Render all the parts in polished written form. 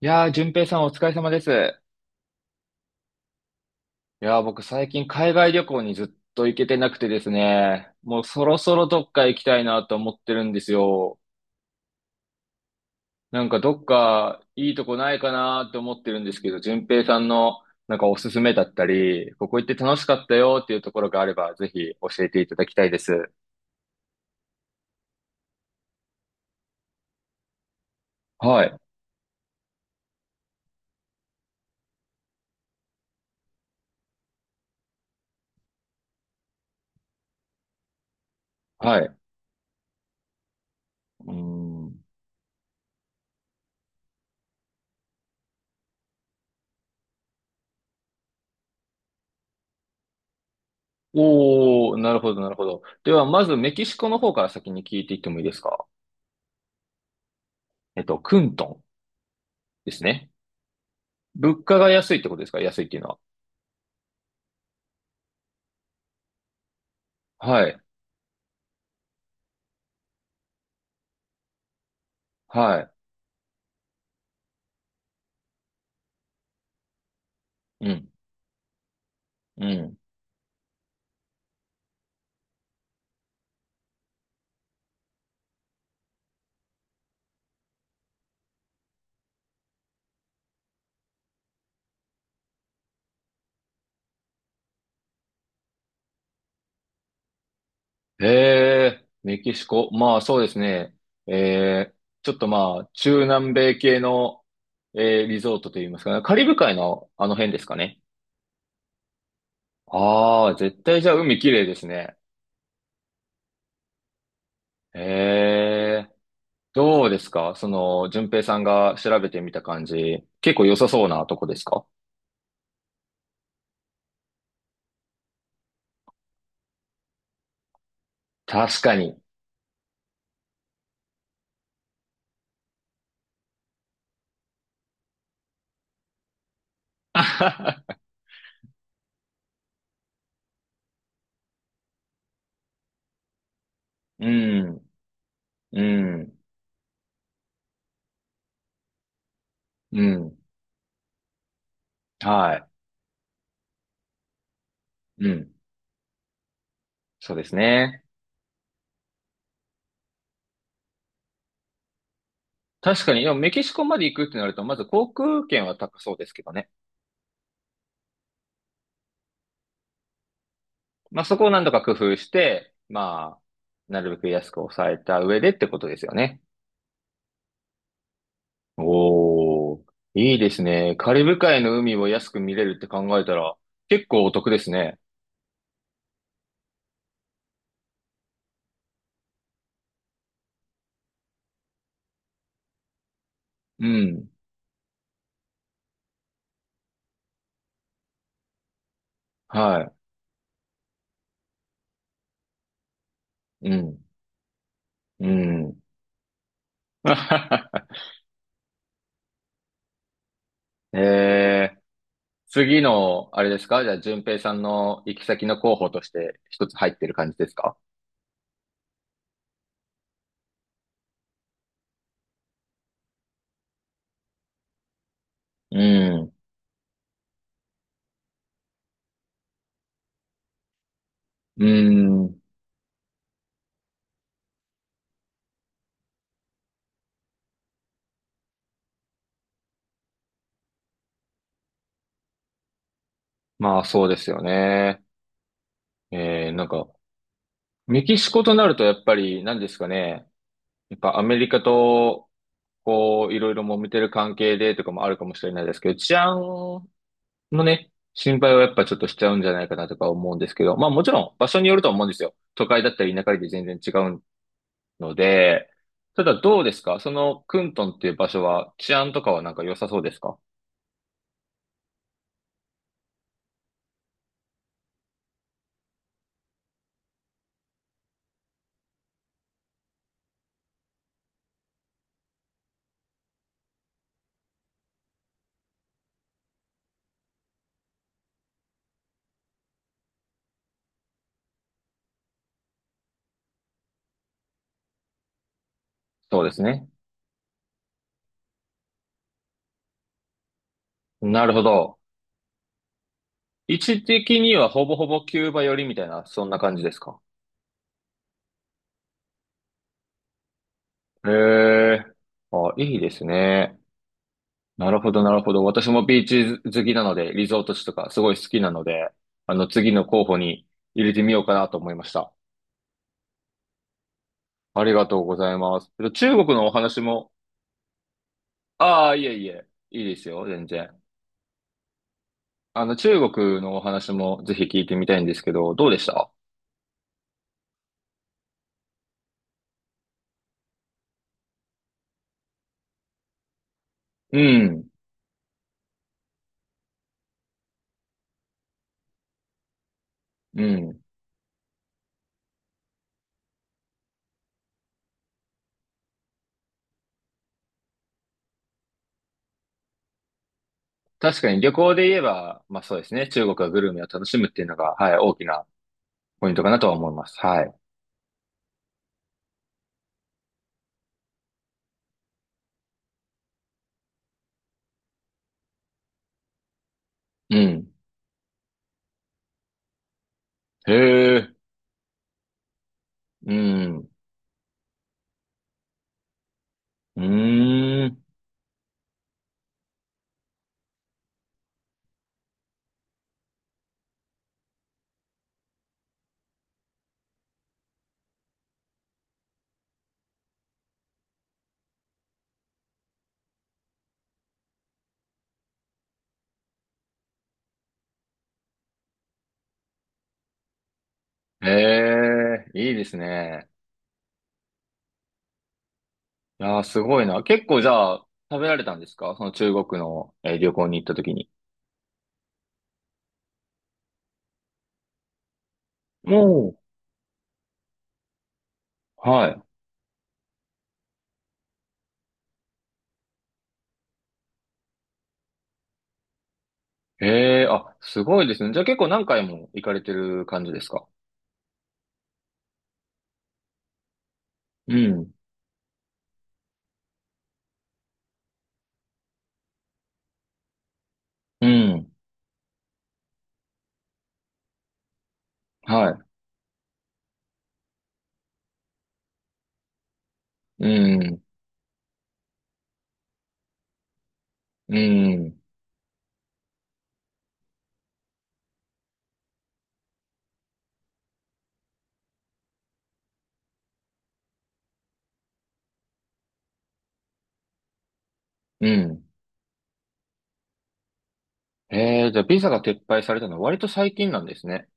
淳平さんお疲れ様です。僕最近海外旅行にずっと行けてなくてですね、もうそろそろどっか行きたいなと思ってるんですよ。どっかいいとこないかなと思ってるんですけど、淳平さんのおすすめだったり、ここ行って楽しかったよっていうところがあれば、ぜひ教えていただきたいです。はい、はい。うーん。おー、なるほど、なるほど。では、まずメキシコの方から先に聞いていってもいいですか？クントンですね。物価が安いってことですか？安いっていうのは。はい。はい。うん。うん。へえ、メキシコ。まあそうですね。えー、ちょっとまあ、中南米系の、リゾートといいますかね。カリブ海のあの辺ですかね。ああ、絶対じゃあ海綺麗ですね。へえ、どうですかその、順平さんが調べてみた感じ。結構良さそうなとこですか？確かに。うん、うん、うん。はい。うん。そうですね。確かに、でもメキシコまで行くってなると、まず航空券は高そうですけどね。まあそこを何とか工夫して、まあ、なるべく安く抑えた上でってことですよね。おー、いいですね。カリブ海の海を安く見れるって考えたら、結構お得ですね。うん。はい。うん。うん。えー、次の、あれですかじゃあ、順平さんの行き先の候補として一つ入ってる感じですか？うん。うん。まあそうですよね。えー、なんか、メキシコとなるとやっぱり何ですかね。やっぱアメリカと、こう、いろいろ揉めてる関係でとかもあるかもしれないですけど、治安のね、心配はやっぱちょっとしちゃうんじゃないかなとか思うんですけど、まあもちろん場所によると思うんですよ。都会だったり田舎で全然違うので、ただどうですかそのクントンっていう場所は治安とかはなんか良さそうですか？そうですね。なるほど。位置的にはほぼほぼキューバ寄りみたいな、そんな感じですか？へえ。あ、いいですね。なるほど、なるほど。私もビーチ好きなので、リゾート地とかすごい好きなので、あの、次の候補に入れてみようかなと思いました。ありがとうございます。中国のお話も、ああ、いえいえ、いいですよ、全然。あの、中国のお話もぜひ聞いてみたいんですけど、どうでした？うん、うん。確かに旅行で言えば、まあそうですね、中国はグルメを楽しむっていうのが、はい、大きなポイントかなとは思います。はい。うん。へえ、うん。うーん。ええ、いいですね。いやー、すごいな。結構じゃあ、食べられたんですかその中国の、旅行に行った時に。もう。はい。ええ、あ、すごいですね。じゃあ結構何回も行かれてる感じですか？うん。うん。はい。うん。うん。うん。ええ、じゃあビザが撤廃されたのは割と最近なんですね。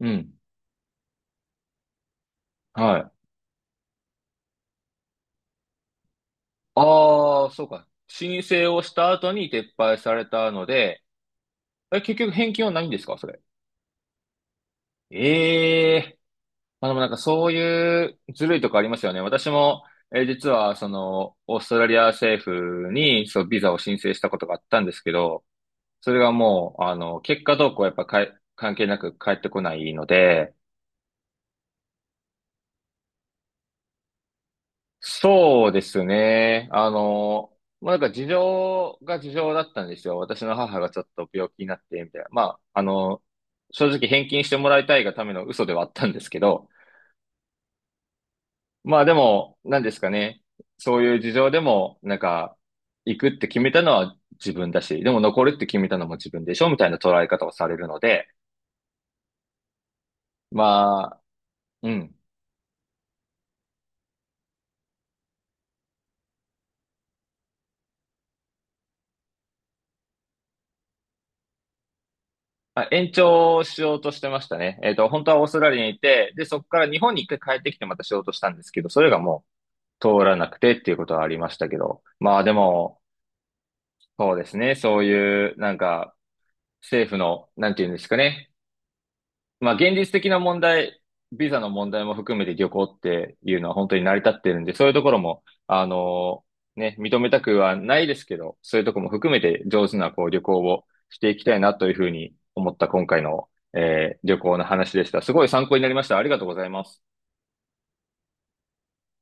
うん。はい。ああ、そうか。申請をした後に撤廃されたので、え、結局返金はないんですかそれ。ええ、まあでもそういうずるいとこありますよね。私も、実はその、オーストラリア政府にそう、ビザを申請したことがあったんですけど、それがもう、あの、結果どうこうやっぱかい関係なく返ってこないので、そうですね。あの、事情が事情だったんですよ。私の母がちょっと病気になって、みたいな。まあ、あの、正直返金してもらいたいがための嘘ではあったんですけど、まあでも、なんですかね。そういう事情でも、行くって決めたのは自分だし、でも残るって決めたのも自分でしょみたいな捉え方をされるので、まあ、うん。まあ、延長しようとしてましたね。本当はオーストラリアにいて、で、そこから日本に一回帰ってきてまたしようとしたんですけど、それがもう通らなくてっていうことはありましたけど、まあでも、そうですね。そういう、政府の、なんていうんですかね。まあ、現実的な問題、ビザの問題も含めて旅行っていうのは本当に成り立ってるんで、そういうところも、あのね、認めたくはないですけど、そういうところも含めて上手なこう旅行をしていきたいなというふうに思った今回の、旅行の話でした。すごい参考になりました。ありがとうございます。